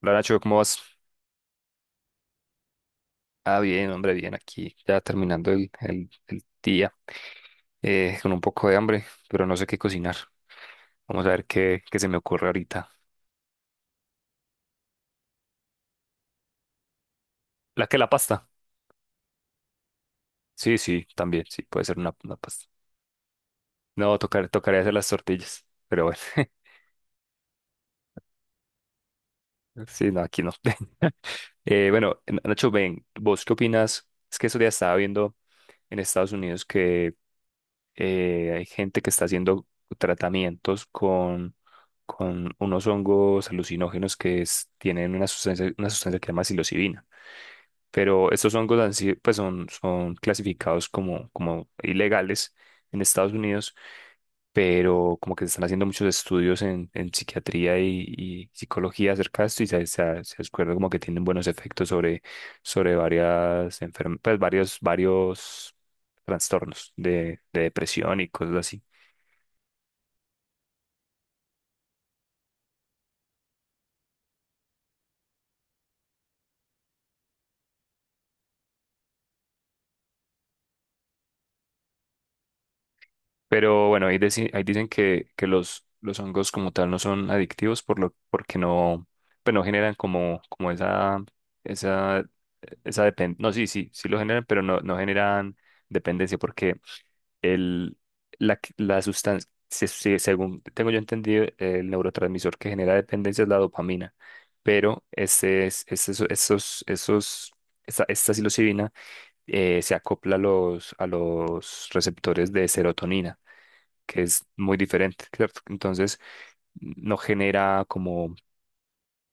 Hola, Nacho, ¿cómo vas? Ah, bien, hombre, bien, aquí ya terminando el día con un poco de hambre, pero no sé qué cocinar. Vamos a ver qué se me ocurre ahorita. ¿La que la pasta? Sí, sí, también, sí, puede ser una pasta. No, tocaría hacer las tortillas, pero bueno, sí, no, aquí no. Bueno, Nacho, ven, ¿vos qué opinas? Es que eso ya estaba viendo en Estados Unidos que hay gente que está haciendo tratamientos con unos hongos alucinógenos que tienen una sustancia que se llama psilocibina, pero estos hongos pues son, son clasificados como, como ilegales en Estados Unidos, pero como que se están haciendo muchos estudios en psiquiatría y psicología acerca de esto y se descubre como que tienen buenos efectos sobre, sobre varias enfermedades, varios trastornos de depresión y cosas así. Pero bueno, ahí dicen que los hongos como tal no son adictivos porque no, pues no generan como, como esa, esa dependencia. No, sí, sí, sí lo generan, pero no, no generan dependencia porque el, la, la sustancia, según tengo yo entendido, el neurotransmisor que genera dependencia es la dopamina, pero esta, esta psilocibina se acopla a los receptores de serotonina, que es muy diferente, ¿cierto? Entonces, no genera como,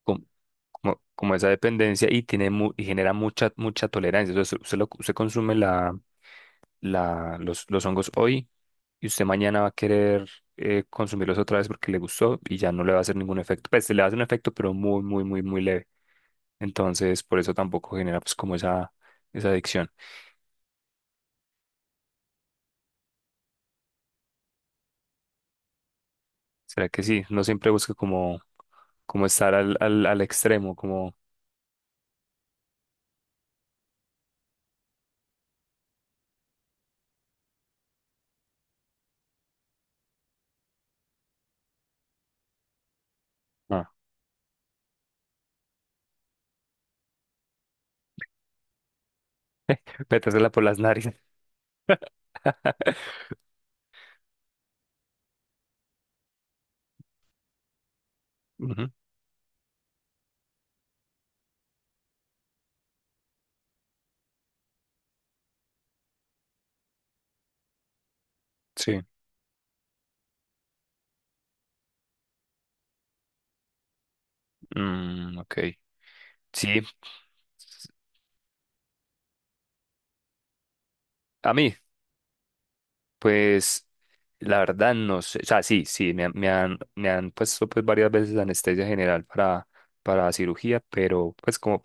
como, como esa dependencia y tiene y genera mucha, mucha tolerancia. Entonces, usted, usted consume los hongos hoy y usted mañana va a querer consumirlos otra vez porque le gustó y ya no le va a hacer ningún efecto. Pues le va a hacer un efecto, pero muy, muy, muy, muy leve. Entonces, por eso tampoco genera pues como esa adicción. ¿Será que sí? No, siempre busca como, como estar al extremo, como ah, metérsela por las narices. Sí, mm, ok. Sí, a mí, pues la verdad no sé, o sea, sí, sí, me han puesto pues varias veces anestesia general para cirugía, pero pues como,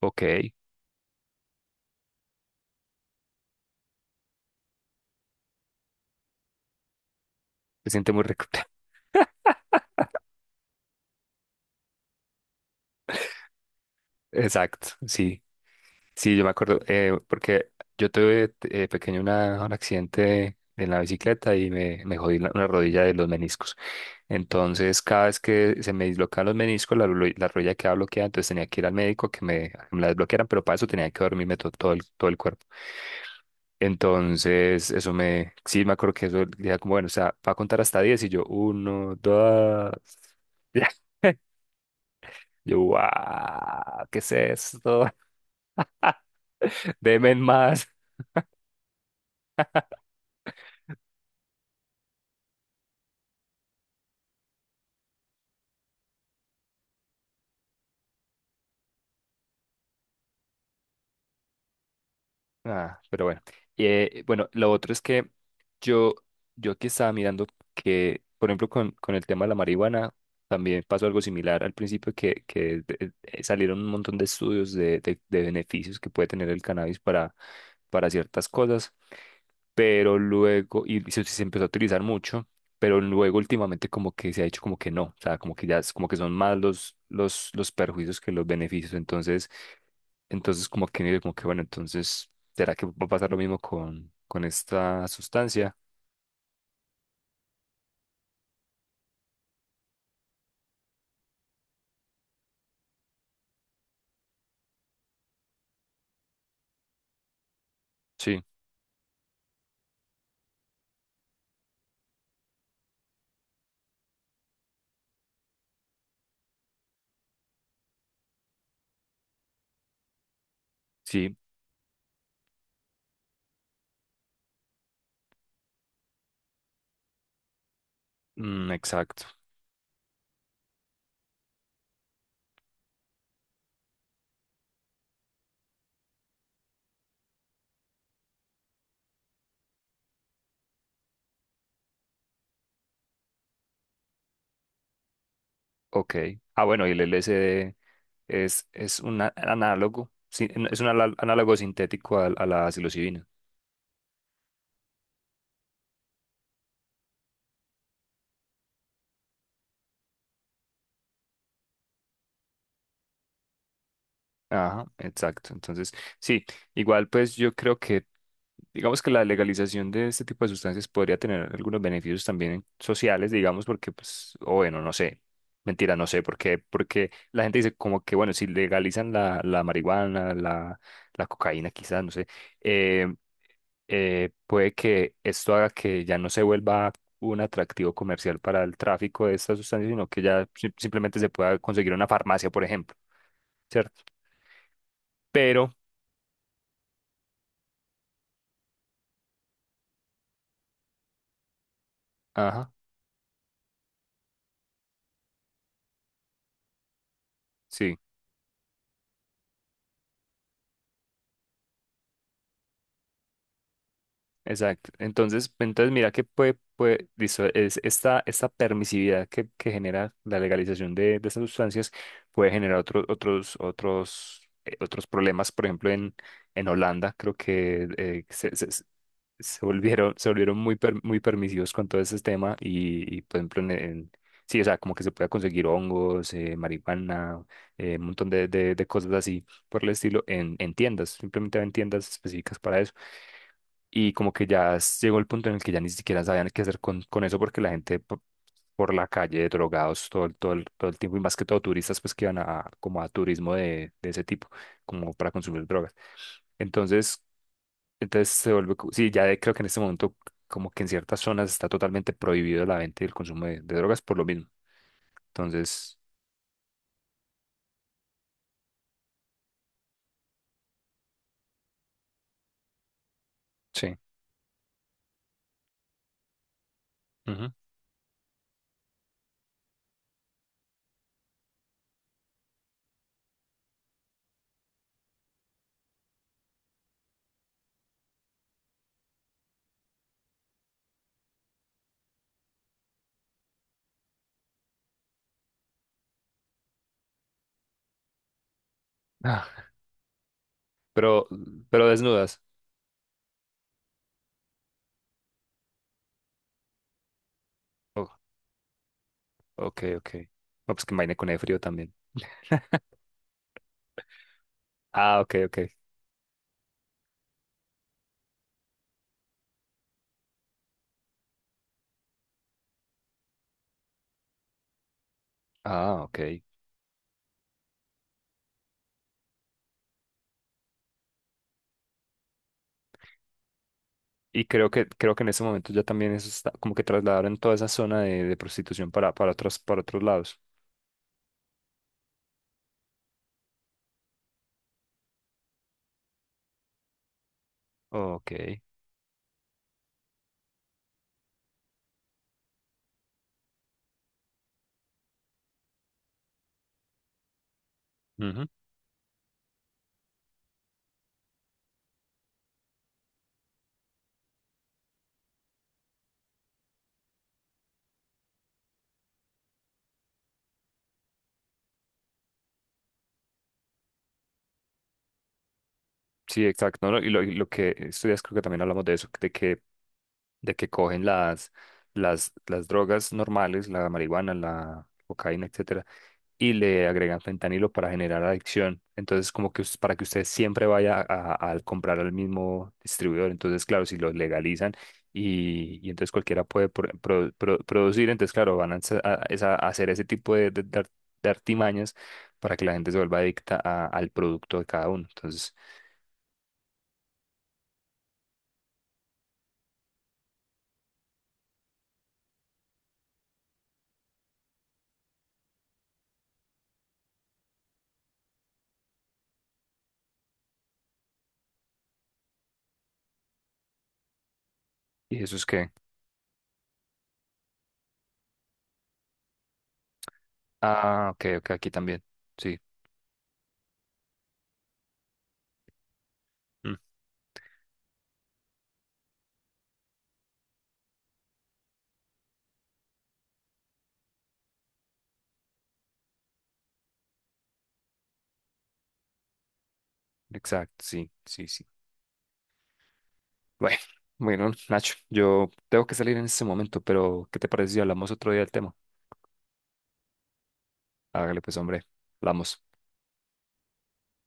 ok, se siente muy rico. Exacto, sí, sí, yo me acuerdo, porque yo tuve pequeño un accidente en la bicicleta y me jodí una rodilla de los meniscos. Entonces, cada vez que se me dislocaban los meniscos, la rodilla quedaba bloqueada, entonces tenía que ir al médico que a que me la desbloquearan, pero para eso tenía que dormirme todo todo el cuerpo. Entonces, eso me, sí, me acuerdo que eso, decía como, bueno, o sea, va a contar hasta 10 y yo, uno, dos, ya. Yo, wow, ¿qué es esto? Deme más. Ah, pero bueno. Bueno, lo otro es que yo, yo aquí estaba mirando que, por ejemplo, con el tema de la marihuana, también pasó algo similar al principio, que salieron un montón de estudios de beneficios que puede tener el cannabis para ciertas cosas, pero luego, se empezó a utilizar mucho, pero luego últimamente como que se ha hecho como que no, o sea, como que ya es como que son más los perjuicios que los beneficios, entonces... Entonces, como que bueno, entonces ¿será que va a pasar lo mismo con esta sustancia? Sí, sí, mm, exacto. Ok. Ah, bueno, y el LSD es un análogo, sí, es un análogo sintético a la psilocibina. Ajá, exacto. Entonces, sí, igual pues yo creo que, digamos que la legalización de este tipo de sustancias podría tener algunos beneficios también sociales, digamos, porque pues, o bueno, no sé, mentira, no sé, porque, porque la gente dice como que, bueno, si legalizan la marihuana, la cocaína quizás, no sé, eh, puede que esto haga que ya no se vuelva un atractivo comercial para el tráfico de estas sustancias, sino que ya simplemente se pueda conseguir en una farmacia, por ejemplo. ¿Cierto? Pero ajá, sí, exacto. Entonces, entonces mira que puede, puede, listo, es esta permisividad que genera la legalización de estas sustancias puede generar otros problemas. Por ejemplo, en Holanda creo que se volvieron muy permisivos con todo ese tema y, por ejemplo, sí, o sea, como que se puede conseguir hongos, marihuana, un montón de cosas así por el estilo en tiendas, simplemente en tiendas específicas para eso. Y como que ya llegó el punto en el que ya ni siquiera sabían qué hacer con eso porque la gente por la calle, drogados todo, todo el tiempo, y más que todo turistas pues que iban a como a turismo de ese tipo, como para consumir drogas. Entonces, entonces se vuelve, sí, ya creo que en este momento como que en ciertas zonas está totalmente prohibido la venta y el consumo de drogas por lo mismo. Entonces, sí. Ujú. Ah, pero, pero desnudas. Oh, ok, ok. No, pues que vaina con el frío también. Ah, ok, ok. Ah, ok. Y creo que en este momento ya también eso está, como que trasladaron toda esa zona de prostitución para otros lados. Ok. Ujú. Sí, exacto. ¿No? Y y lo que estudias, creo que también hablamos de eso, de que cogen las drogas normales, la marihuana, la cocaína, etcétera, y le agregan fentanilo para generar adicción. Entonces, como que para que usted siempre vaya a comprar al mismo distribuidor. Entonces, claro, si lo legalizan y entonces cualquiera puede producir, entonces, claro, van a, hacer a hacer ese tipo de de artimañas para que la gente se vuelva adicta al producto de cada uno. Entonces, ¿y eso es qué? Ah, ok, ok, aquí también. Sí, mm, exacto, sí, sí, sí. Bueno, bueno, Nacho, yo tengo que salir en este momento, pero ¿qué te parece si hablamos otro día del tema? Hágale pues, hombre. Hablamos.